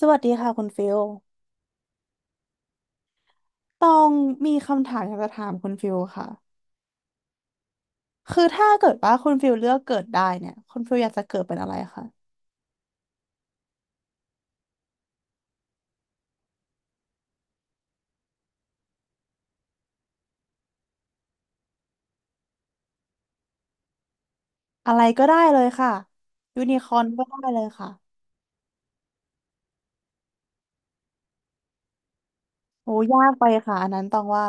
สวัสดีค่ะคุณฟิลตองมีคำถามอยากจะถามคุณฟิลค่ะคือถ้าเกิดว่าคุณฟิลเลือกเกิดได้เนี่ยคุณฟิลอยากจะเกิดเป็นอะไรคะอะไรก็ได้เลยค่ะยูนิคอร์นก็ได้เลยค่ะโอ้ยากไปค่ะอันนั้นตองว่า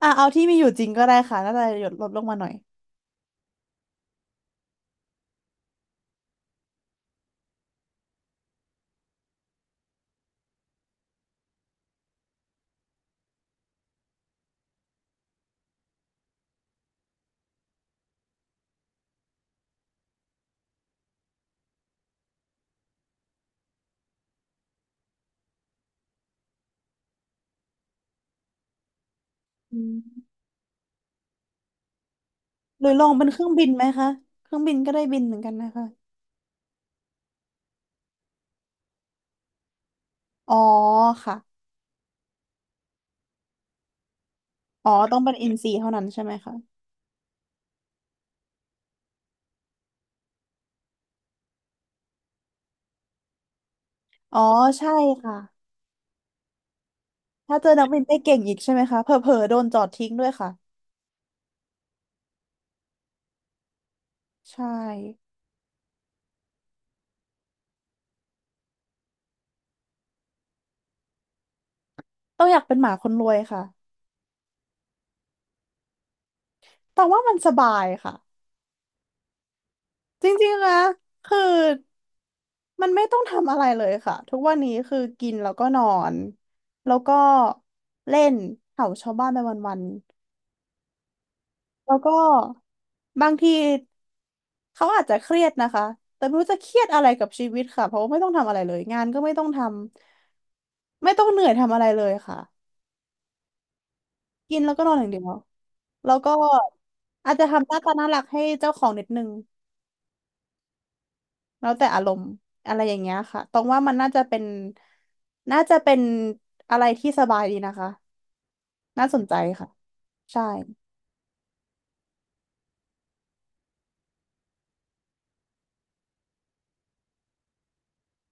อ่ะเอาที่มีอยู่จริงก็ได้ค่ะน่าจะหยดลดลงมาหน่อยอืมหรือลองเป็นเครื่องบินไหมคะเครื่องบินก็ได้บินเหมือนกันนะคะอ๋อค่ะอ๋อต้องเป็นอินซีเท่านั้นใช่ไหมคะอ๋อใช่ค่ะถ้าเจอนักบินได้เก่งอีกใช่ไหมคะเผลอๆโดนจอดทิ้งด้วยค่ะ ใช่ต้องอยากเป็นหมาคนรวยค่ะ แต่ว่ามันสบายค่ะ จริงๆนะคือมันไม่ต้องทำอะไรเลยค่ะ ทุกวันนี้คือกินแล้วก็นอน แล้วก็เล่นเห่าชาวบ้านไปวันๆแล้วก็บางทีเขาอาจจะเครียดนะคะ แต่ไม่รู้จะเครียดอะไรกับชีวิตค่ะเพราะว่าไม่ต้องทำอะไรเลยงานก็ไม่ต้องทำ ไม่ต้องเหนื่อยทำอะไรเลยค่ะ กินแล้วก็นอนอย่างเดียว แล้วก็อาจจะทำหน้าตาน่ารักให้เจ้าของนิดนึง แล้วแต่อารมณ์อะไรอย่างเงี้ยค่ะตรงว่ามันน่าจะเป็นน่าจะเป็นอะไรที่สบายดีนะคะน่าสนใจค่ะใช่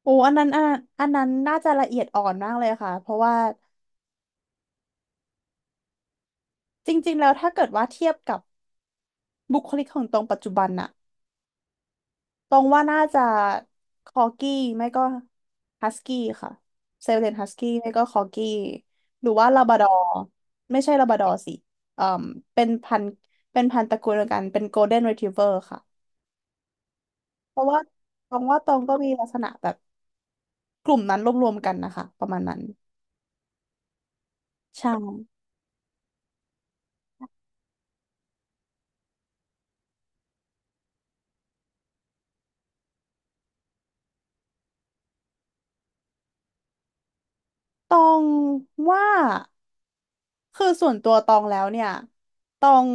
โอ้อันนั้นอ่ะอันนั้นน่าจะละเอียดอ่อนมากเลยค่ะเพราะว่าจริงๆแล้วถ้าเกิดว่าเทียบกับบุคลิกของตรงปัจจุบันน่ะตรงว่าน่าจะคอร์กี้ไม่ก็ฮัสกี้ค่ะเซลเลนฮัสกี้ไม่ก็คอร์กี้หรือว่าลาบราดอร์ไม่ใช่ลาบราดอร์สิเอ่อเป็นพันธุ์เป็นพันธุ์ตระกูลเดียวกันเป็นโกลเด้นรีทรีเวอร์ค่ะ เพราะว่าตองว่าตองก็มีลักษณะแบบกลุ่มนั้นรวมๆกันนะคะประมาณนั้นใช่ตองว่าคือส่วนตัวตองแล้วเนี่ยตอง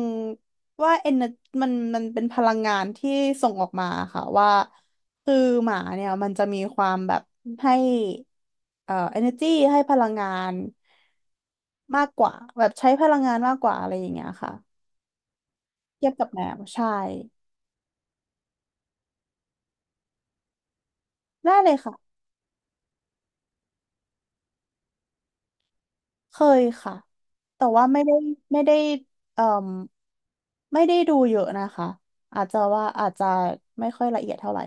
ว่าเอนมันมันเป็นพลังงานที่ส่งออกมาค่ะว่าคือหมาเนี่ยมันจะมีความแบบให้energy ให้พลังงานมากกว่าแบบใช้พลังงานมากกว่าอะไรอย่างเงี้ยค่ะเทียบกับแมวใช่ได้เลยค่ะ เคยค่ะ แต่ว่าไม่ได้ไม่ได้เอ่อไม่ได้ดูเยอะนะคะ อาจจะว่าอาจจะไม่ค่อยละเอียดเท่าไหร่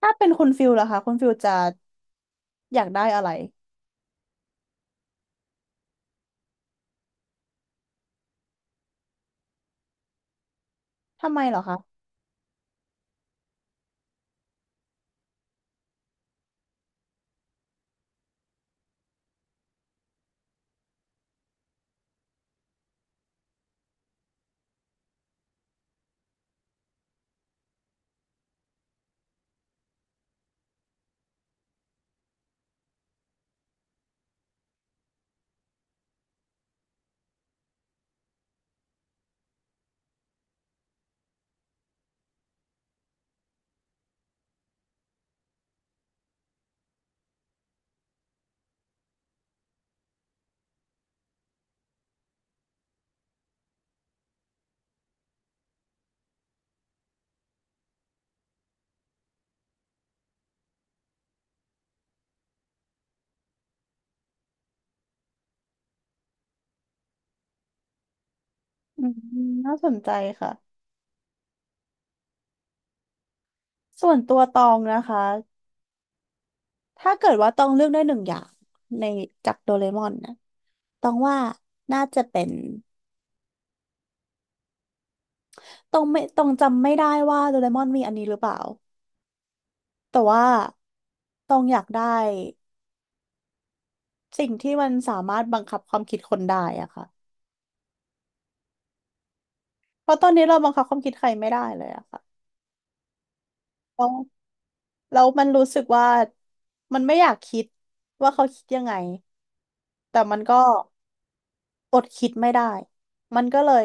ถ้าเป็นคุณฟิลล่ะคะคุณฟิลจะอยากได้อะไรทำไมเหรอคะอืมน่าสนใจค่ะส่วนตัวตองนะคะ ถ้าเกิดว่าตองเลือกได้หนึ่งอย่างในจากโดเรมอนนะตองว่าน่าจะเป็นตองไม่ตองจำไม่ได้ว่าโดเรมอนมีอันนี้หรือเปล่าแต่ว่าตองอยากได้ สิ่งที่มันสามารถบังคับความคิดคนได้อะค่ะเพราะตอนนี้เราบังคับความคิดใครไม่ได้เลยอะค่ะแล้วแล้วมันรู้สึกว่ามันไม่อยากคิดว่าเขาคิดยังไงแต่มันก็อดคิดไม่ได้ มันก็เลย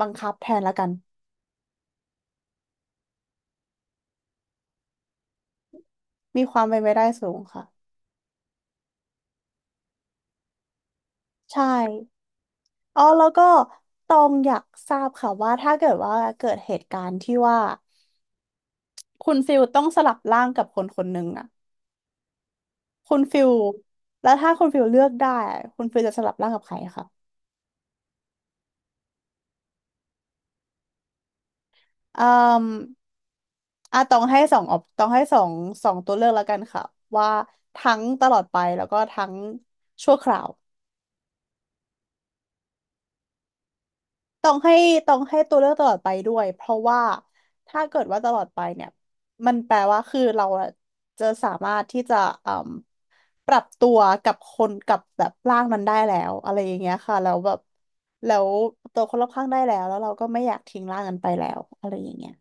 บังคับแทนละกัน มีความเป็นไปได้สูงค่ะ ใช่อ๋อแล้วก็ตองอยากทราบค่ะว่าถ้าเกิดว่าเกิดเหตุการณ์ที่ว่าคุณฟิลต้องสลับร่างกับคนคนหนึ่งอะคุณฟิลแล้วถ้าคุณฟิลเลือกได้อะคุณฟิลจะสลับร่างกับใครคะ เอ่ออ่ะต้องให้สองออปต้องให้สองสองตัวเลือกแล้วกันค่ะว่าทั้งตลอดไปแล้วก็ทั้งชั่วคราวต้องให้ต้องให้ตัวเลือกตลอดไปด้วยเพราะว่าถ้าเกิดว่าตลอดไปเนี่ยมันแปลว่าคือเราอะจะสามารถที่จะเอ่มปรับตัวกับคนกับแบบร่างนั้นได้แล้วอะไรอย่างเงี้ยค่ะแล้วแบบแล้วตัวคนรอบข้างได้แล้วแล้วเราก็ไม่อยากทิ้งร่างนั้นไปแล้วอะไรอย่างเงี้ย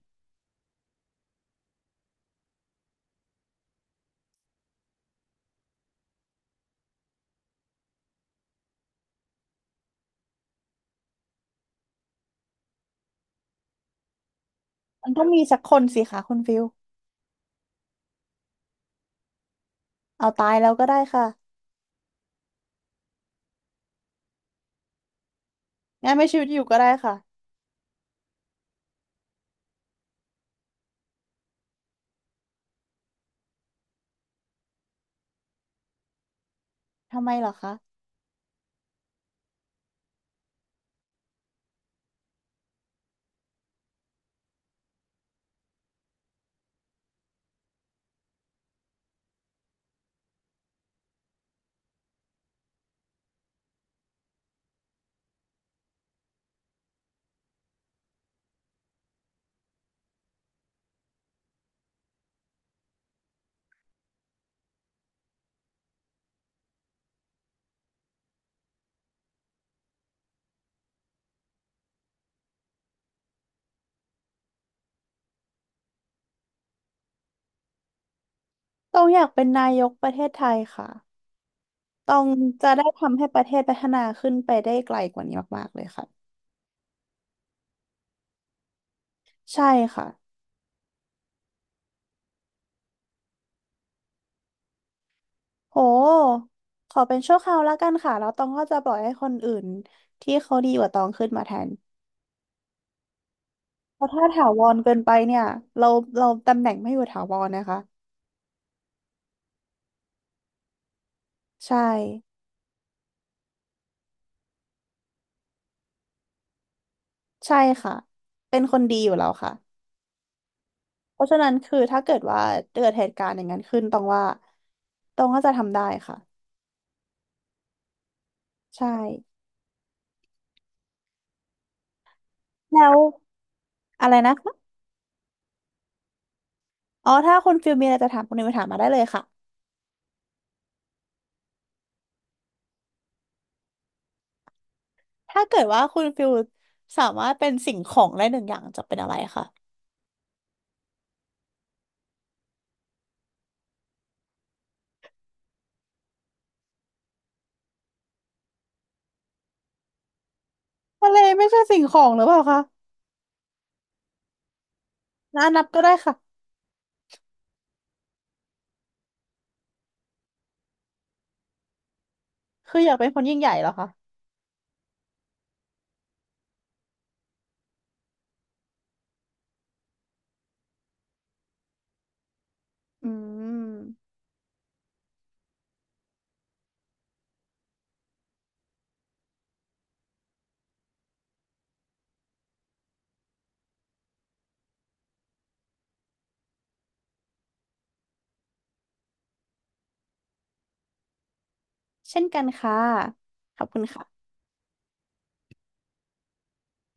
มันต้องมีสักคนสิคะคุณฟิล เอาตายแล้วก็ได้ค่ะงั้นไม่ชีวิตอยู่ก็ได้ค่ะ ทำไมเหรอคะต้องอยากเป็นนายกประเทศไทยค่ะ ต้องจะได้ทำให้ประเทศพัฒนาขึ้นไปได้ไกลกว่านี้มากๆเลยค่ะ ใช่ค่ะโหขอเป็นชั่วคราวแล้วกันค่ะแล้วตองก็จะปล่อยให้คนอื่นที่เขาดีกว่าตองขึ้นมาแทนเพราะถ้าถาวรเกินไปเนี่ยเราเราตำแหน่งไม่อยู่ถาวรนะคะใช่ใช่ค่ะเป็นคนดีอยู่แล้วค่ะ เพราะฉะนั้นคือถ้าเกิดว่าเกิดเหตุการณ์อย่างนั้นขึ้นต้องว่าต้องก็จะทำได้ค่ะใช่แล้วอะไรนะคะอ๋อถ้าคุณฟิลมีอะไรจะถามคุณนิวถามมาได้เลยค่ะถ้าเกิดว่าคุณฟิลสามารถเป็นสิ่งของได้หนึ่งอย่างจะเป็นอะไรคะทะเลไม่ใช่สิ่งของหรือเปล่าคะนะนับก็ได้ค่ะคืออยากเป็นคนยิ่งใหญ่เหรอคะอืมเช่นกันค่ะขอบคุณค่ะ